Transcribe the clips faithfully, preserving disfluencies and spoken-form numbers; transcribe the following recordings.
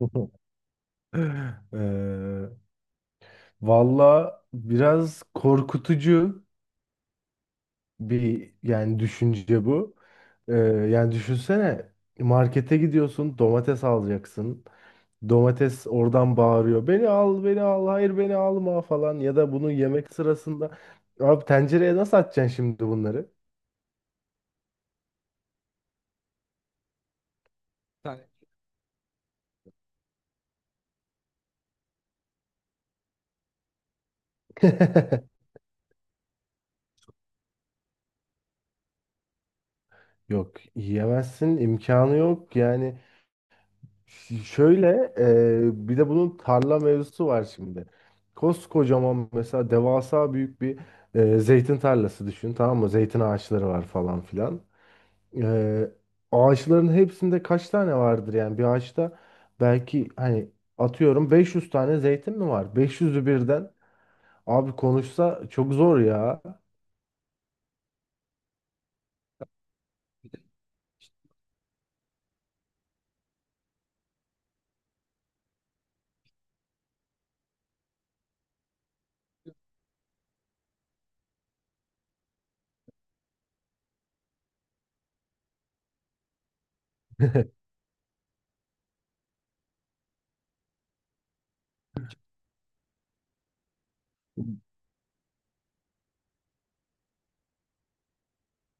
Eee valla biraz korkutucu bir yani düşünce bu. Ee, yani düşünsene, markete gidiyorsun, domates alacaksın. Domates oradan bağırıyor. Beni al, beni al, hayır beni alma falan. Ya da bunu yemek sırasında. Abi tencereye nasıl atacaksın şimdi bunları? Yani yok, yiyemezsin, imkanı yok. Yani şöyle, e, bir de bunun tarla mevzusu var şimdi. Koskocaman mesela, devasa büyük bir e, zeytin tarlası düşün, tamam mı? Zeytin ağaçları var falan filan. E, Ağaçların hepsinde kaç tane vardır, yani bir ağaçta belki hani atıyorum beş yüz tane zeytin mi var? beş yüzü birden abi konuşsa çok zor ya.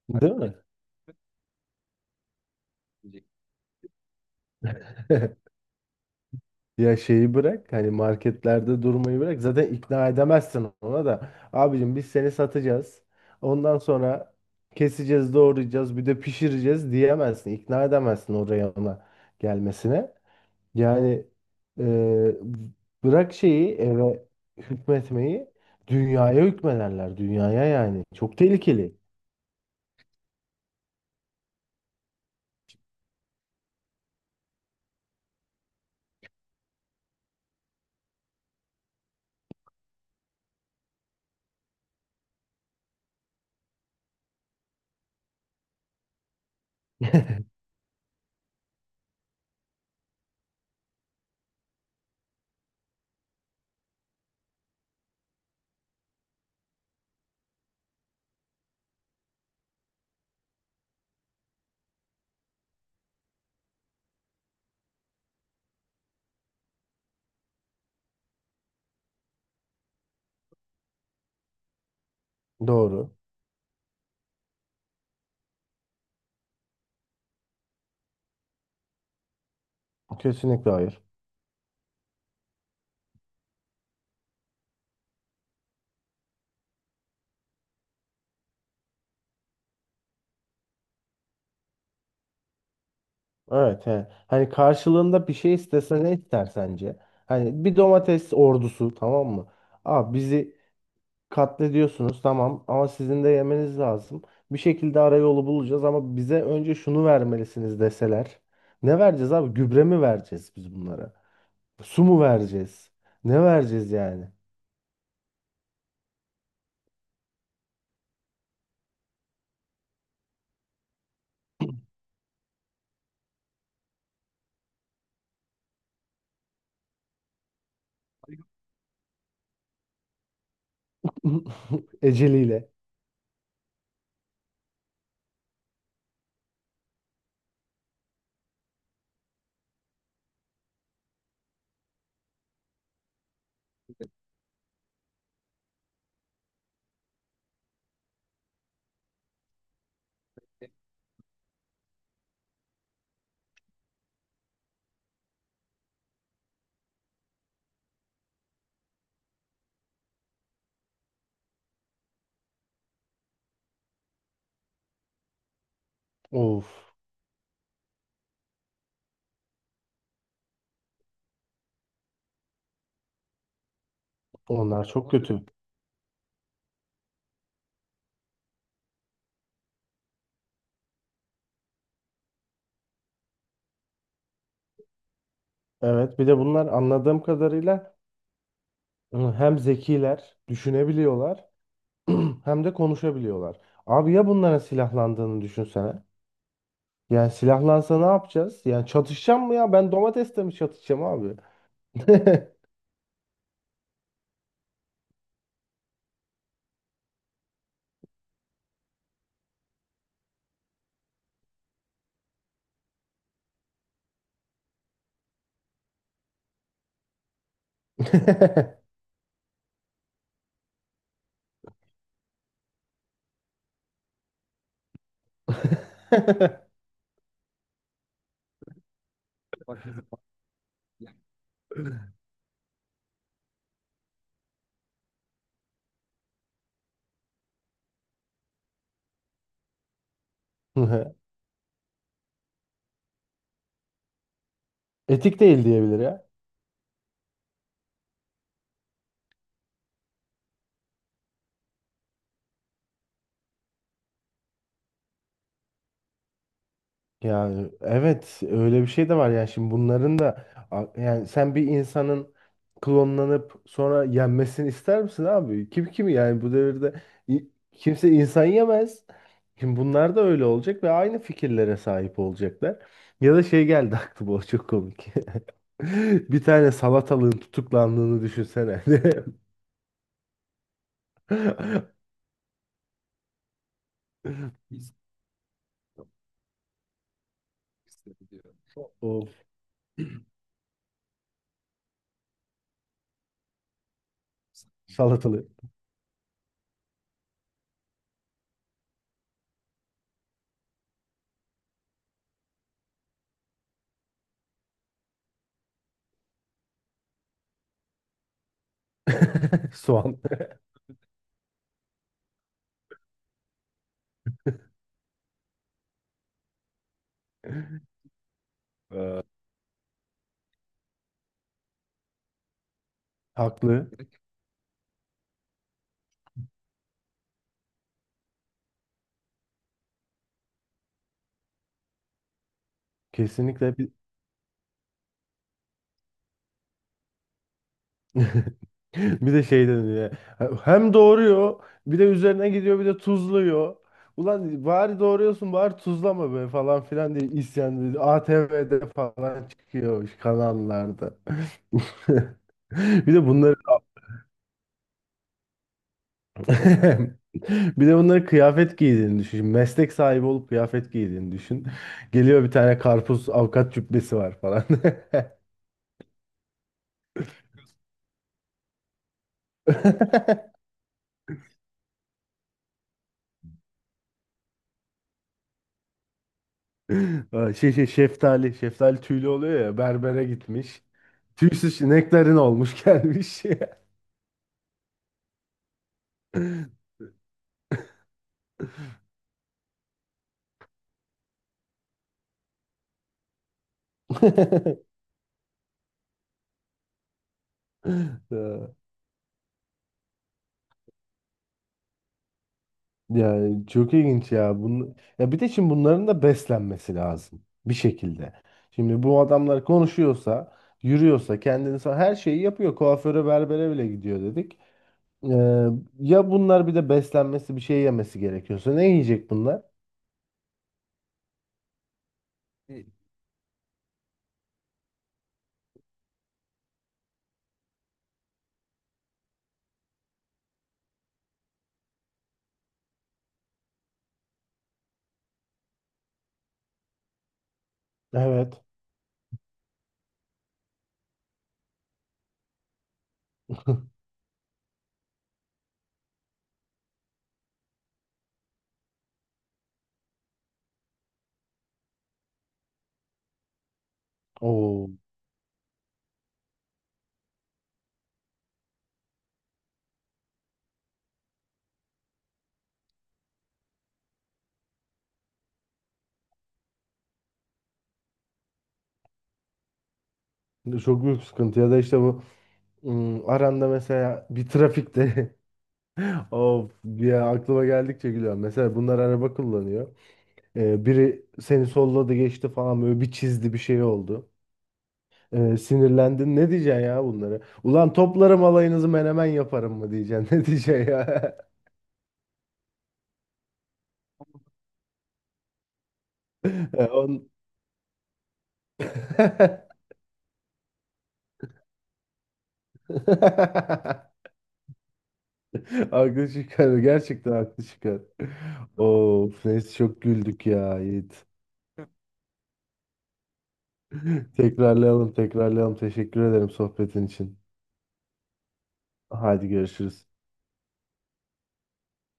Değil mi? Ya şeyi bırak, hani marketlerde durmayı bırak, zaten ikna edemezsin ona da. Abicim, biz seni satacağız, ondan sonra keseceğiz, doğrayacağız, bir de pişireceğiz diyemezsin, ikna edemezsin oraya, ona gelmesine. Yani, e, bırak şeyi, eve hükmetmeyi, dünyaya hükmederler, dünyaya. Yani çok tehlikeli. Doğru. Kesinlikle hayır. Evet, he. Hani karşılığında bir şey istese ne ister sence? Hani bir domates ordusu, tamam mı? Aa, bizi katlediyorsunuz tamam, ama sizin de yemeniz lazım. Bir şekilde ara yolu bulacağız, ama bize önce şunu vermelisiniz deseler. Ne vereceğiz abi? Gübre mi vereceğiz biz bunlara? Su mu vereceğiz? Ne vereceğiz yani? Eceliyle. Of, onlar çok kötü. Evet, bir de bunlar anladığım kadarıyla hem zekiler, düşünebiliyorlar. Hem de konuşabiliyorlar. Abi ya, bunların silahlandığını düşünsene. Yani silahlansa ne yapacağız? Yani çatışacağım mı ya? Ben domatesle mi çatışacağım abi? Etik değil diyebilir. Ya evet, öyle bir şey de var. Yani şimdi bunların da a- yani, sen bir insanın klonlanıp sonra yenmesini ister misin abi? Kim kimi, yani bu devirde i- kimse insan yemez. Şimdi bunlar da öyle olacak ve aynı fikirlere sahip olacaklar. Ya da şey geldi aklıma, o çok komik. Bir tane salatalığın tutuklandığını düşünsene. Of, salatalık. Soğan. Haklı. Kesinlikle. Bir de şey dedi ya. Hem doğuruyor, bir de üzerine gidiyor, bir de tuzluyor. Ulan bari doğuruyorsun, bari tuzlama be falan filan diye isyan dedi. A T V'de falan çıkıyor, kanallarda. Bir de bunları bir de bunları kıyafet giydiğini düşün. Meslek sahibi olup kıyafet giydiğini düşün. Geliyor bir tane karpuz, avukat cübbesi var falan. Aa, şey şey şeftali, şeftali tüylü oluyor ya, berbere gitmiş. Tüysüz ineklerin olmuş gelmiş. Ya, yani çok ilginç ya. Bun... Ya bir de şimdi bunların da beslenmesi lazım bir şekilde. Şimdi bu adamlar konuşuyorsa, yürüyorsa, kendini sa- her şeyi yapıyor. Kuaföre, berbere bile gidiyor dedik. Ee, ya bunlar bir de beslenmesi, bir şey yemesi gerekiyorsa ne yiyecek bunlar? E, Evet. Oo, çok büyük sıkıntı. Ya da işte bu. Hmm, aranda mesela bir trafikte of ya, aklıma geldikçe gülüyorum. Mesela bunlar araba kullanıyor. Ee, biri seni solladı, geçti falan, böyle bir çizdi, bir şey oldu. Ee, sinirlendin, ne diyeceksin ya bunları? Ulan, toplarım alayınızı menemen yaparım mı diyeceksin ne diyeceksin ya? Ee, on... Haklı çıkar, gerçekten haklı çıkar. Of neyse, çok güldük ya Yiğit. Tekrarlayalım, tekrarlayalım. Teşekkür ederim sohbetin için. Haydi görüşürüz.